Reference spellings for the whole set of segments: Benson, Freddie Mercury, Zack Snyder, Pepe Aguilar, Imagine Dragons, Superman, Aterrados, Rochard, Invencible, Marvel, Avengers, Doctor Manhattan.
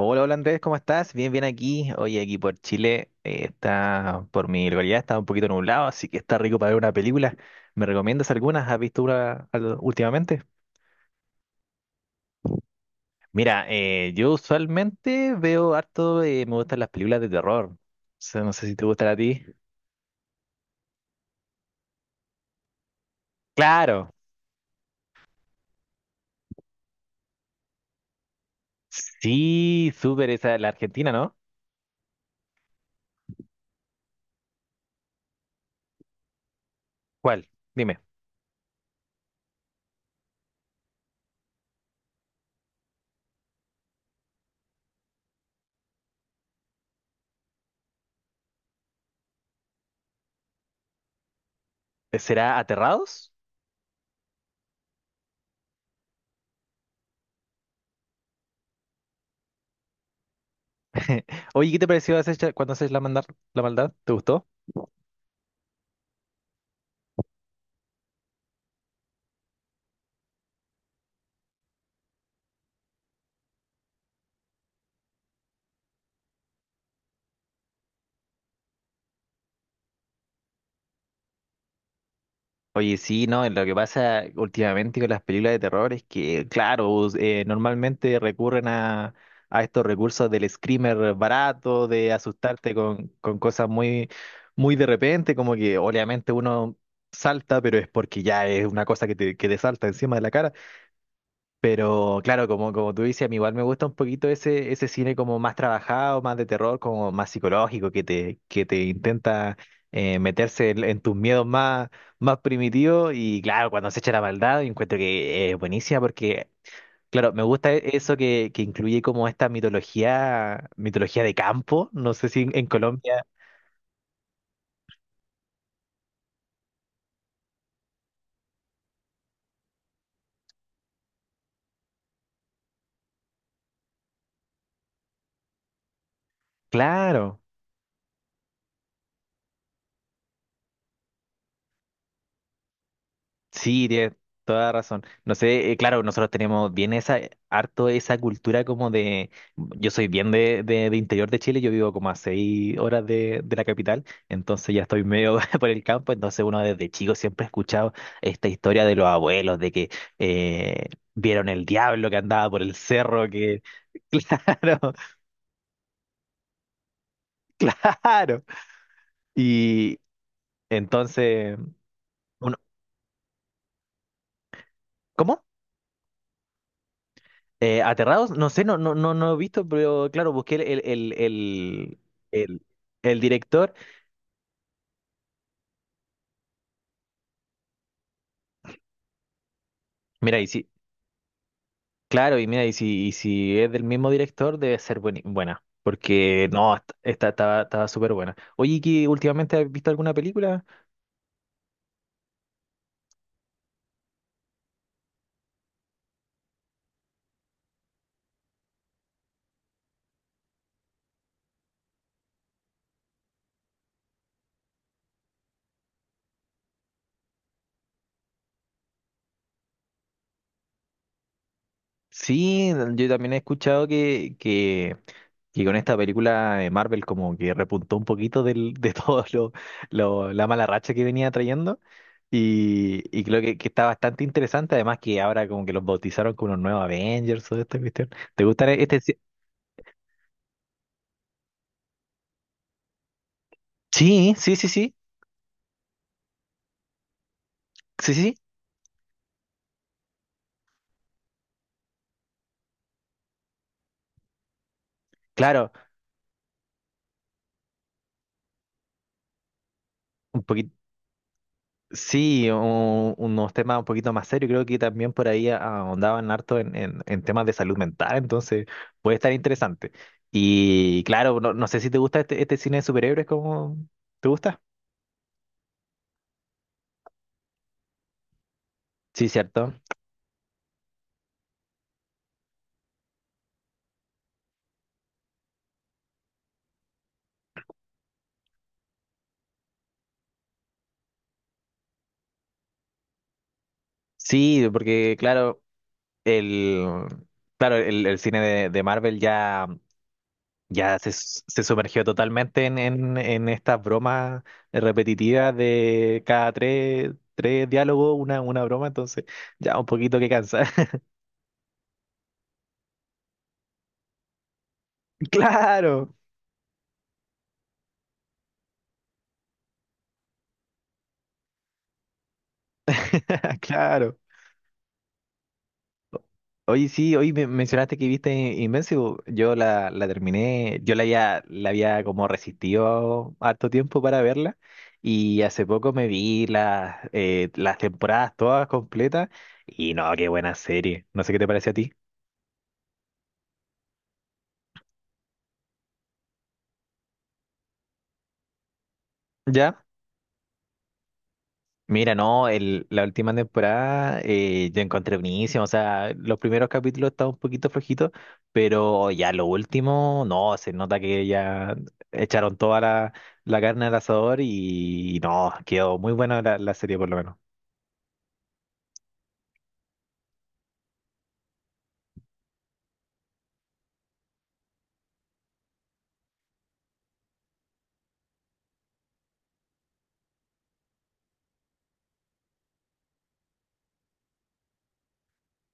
Hola, hola Andrés, ¿cómo estás? Bien, bien aquí. Oye, aquí por Chile está, por mi localidad está un poquito nublado, así que está rico para ver una película. ¿Me recomiendas algunas? ¿Has visto una últimamente? Mira, yo usualmente veo harto, me gustan las películas de terror. O sea, no sé si te gustan a ti. Claro, sí, súper esa, la Argentina, ¿no? ¿Cuál? Dime, ¿será Aterrados? Oye, ¿qué te pareció cuando haces la maldad, la maldad? ¿Te gustó? Oye, sí, no, lo que pasa últimamente con las películas de terror es que, claro, normalmente recurren a estos recursos del screamer barato, de asustarte con cosas muy, muy de repente, como que obviamente uno salta, pero es porque ya es una cosa que que te salta encima de la cara. Pero claro, como, como tú dices, a mí igual me gusta un poquito ese, ese cine como más trabajado, más de terror, como más psicológico, que que te intenta meterse en tus miedos más, más primitivos. Y claro, cuando se echa la maldad, encuentro que es buenísima porque, claro, me gusta eso que incluye como esta mitología, mitología de campo. No sé si en Colombia. Claro. Sí, tienes toda la razón. No sé, claro, nosotros tenemos bien esa, harto esa cultura como de, yo soy bien de interior de Chile, yo vivo como a 6 horas de la capital, entonces ya estoy medio por el campo, entonces uno desde chico siempre ha escuchado esta historia de los abuelos, de que eh, vieron el diablo que andaba por el cerro, que, claro, claro. Y entonces, uno, ¿cómo? ¿Aterrados? No sé, no, no, no, no he visto, pero claro, busqué el- el director. Mira, y si, claro, y mira, y si es del mismo director, debe ser buena. Porque no, esta estaba, estaba súper buena. Oye, ¿y ¿qué últimamente has visto alguna película? Sí, yo también he escuchado que con esta película de Marvel como que repuntó un poquito de todo la mala racha que venía trayendo. Y creo que está bastante interesante, además que ahora como que los bautizaron como los nuevos Avengers o esta cuestión. ¿Te gustan este? Ci- Sí, sí, sí, sí, sí, sí, sí, claro, un poquito, sí, unos temas un poquito más serios, creo que también por ahí ahondaban harto en temas de salud mental, entonces puede estar interesante. Y claro, no, no sé si te gusta este, este cine de superhéroes, ¿cómo te gusta? Sí, cierto. Sí, porque claro, el... Claro, el cine de Marvel ya se sumergió totalmente en estas bromas repetitivas de cada tres, tres diálogos, una broma, entonces ya un poquito que cansa. Claro, claro. Oye, sí, hoy mencionaste que viste Invencible. Yo la terminé, yo la había como resistido harto tiempo para verla y hace poco me vi las temporadas todas completas y no, qué buena serie. No sé qué te parece a ti. ¿Ya? Mira, no, el, la última temporada yo encontré buenísimo, o sea, los primeros capítulos estaban un poquito flojitos, pero ya lo último, no, se nota que ya echaron toda la, la carne al asador y, no, quedó muy buena la, la serie por lo menos.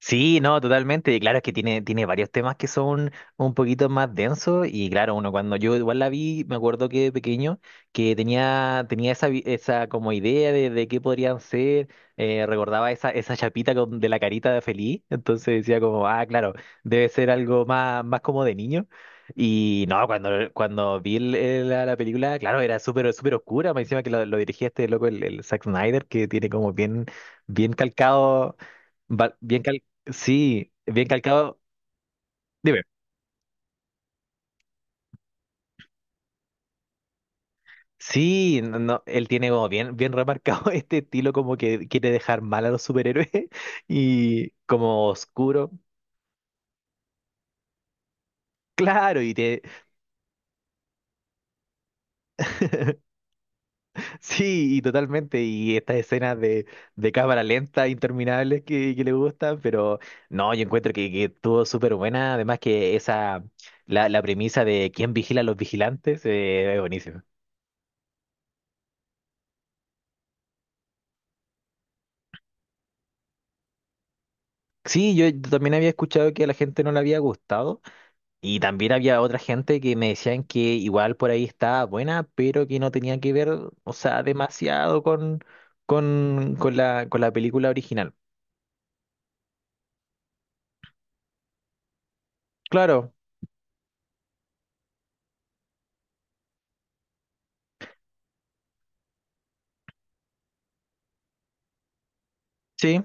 Sí, no, totalmente. Y claro, es que tiene, tiene varios temas que son un poquito más densos. Y claro, uno cuando yo igual la vi, me acuerdo que de pequeño, que tenía, tenía esa, esa como idea de qué podrían ser. Recordaba esa, esa chapita de la carita de feliz. Entonces decía como, ah, claro, debe ser algo más, más como de niño. Y no, cuando, cuando vi la película, claro, era súper, súper oscura. Me encima que lo dirigía este loco, el Zack Snyder, que tiene como bien, bien calcado Va- bien cal- sí, bien calcado. Dime. Sí, no, no, él tiene como bien, bien remarcado este estilo como que quiere dejar mal a los superhéroes y como oscuro. Claro, y te... Sí, y totalmente. Y estas escenas de cámara lenta interminables que le gustan, pero no, yo encuentro que estuvo súper buena. Además que esa, la premisa de quién vigila a los vigilantes, es buenísima. Sí, yo también había escuchado que a la gente no le había gustado. Y también había otra gente que me decían que igual por ahí estaba buena, pero que no tenía que ver, o sea, demasiado con la película original. Claro, sí.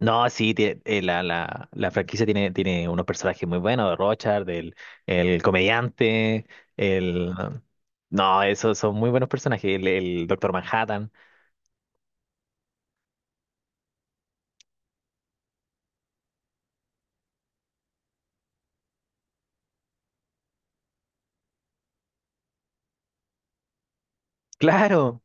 No, sí, la, la, la franquicia tiene, tiene unos personajes muy buenos, de Rochard, el comediante, el... No, esos son muy buenos personajes, el Doctor Manhattan. Claro,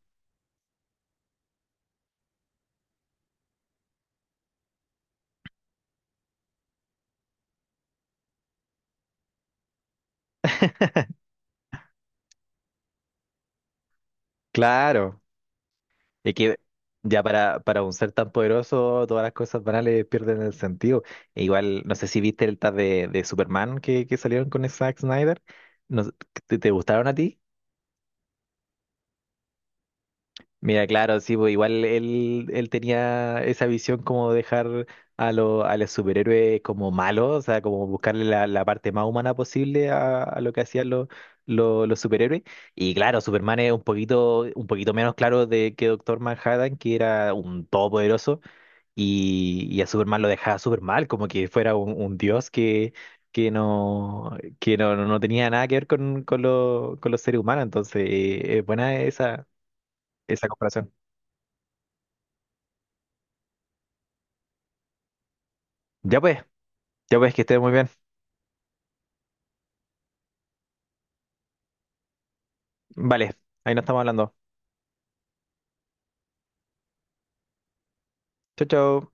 claro. Es que ya para un ser tan poderoso, todas las cosas banales pierden el sentido. E igual, no sé si viste el tag de Superman que salieron con Zack Snyder. No sé, ¿te, te gustaron a ti? Mira, claro, sí, pues igual él, él tenía esa visión como dejar a, lo, a los superhéroes como malos, o sea, como buscarle la, la parte más humana posible a lo que hacían los superhéroes. Y claro, Superman es un poquito menos claro de que Doctor Manhattan, que era un todopoderoso. Y a Superman lo dejaba súper mal, como que fuera un dios que no, no no tenía nada que ver con, con los seres humanos. Entonces, es buena esa, esa comparación. Ya pues, ya pues, que estés muy bien. Vale, ahí nos estamos hablando. Chau, chau.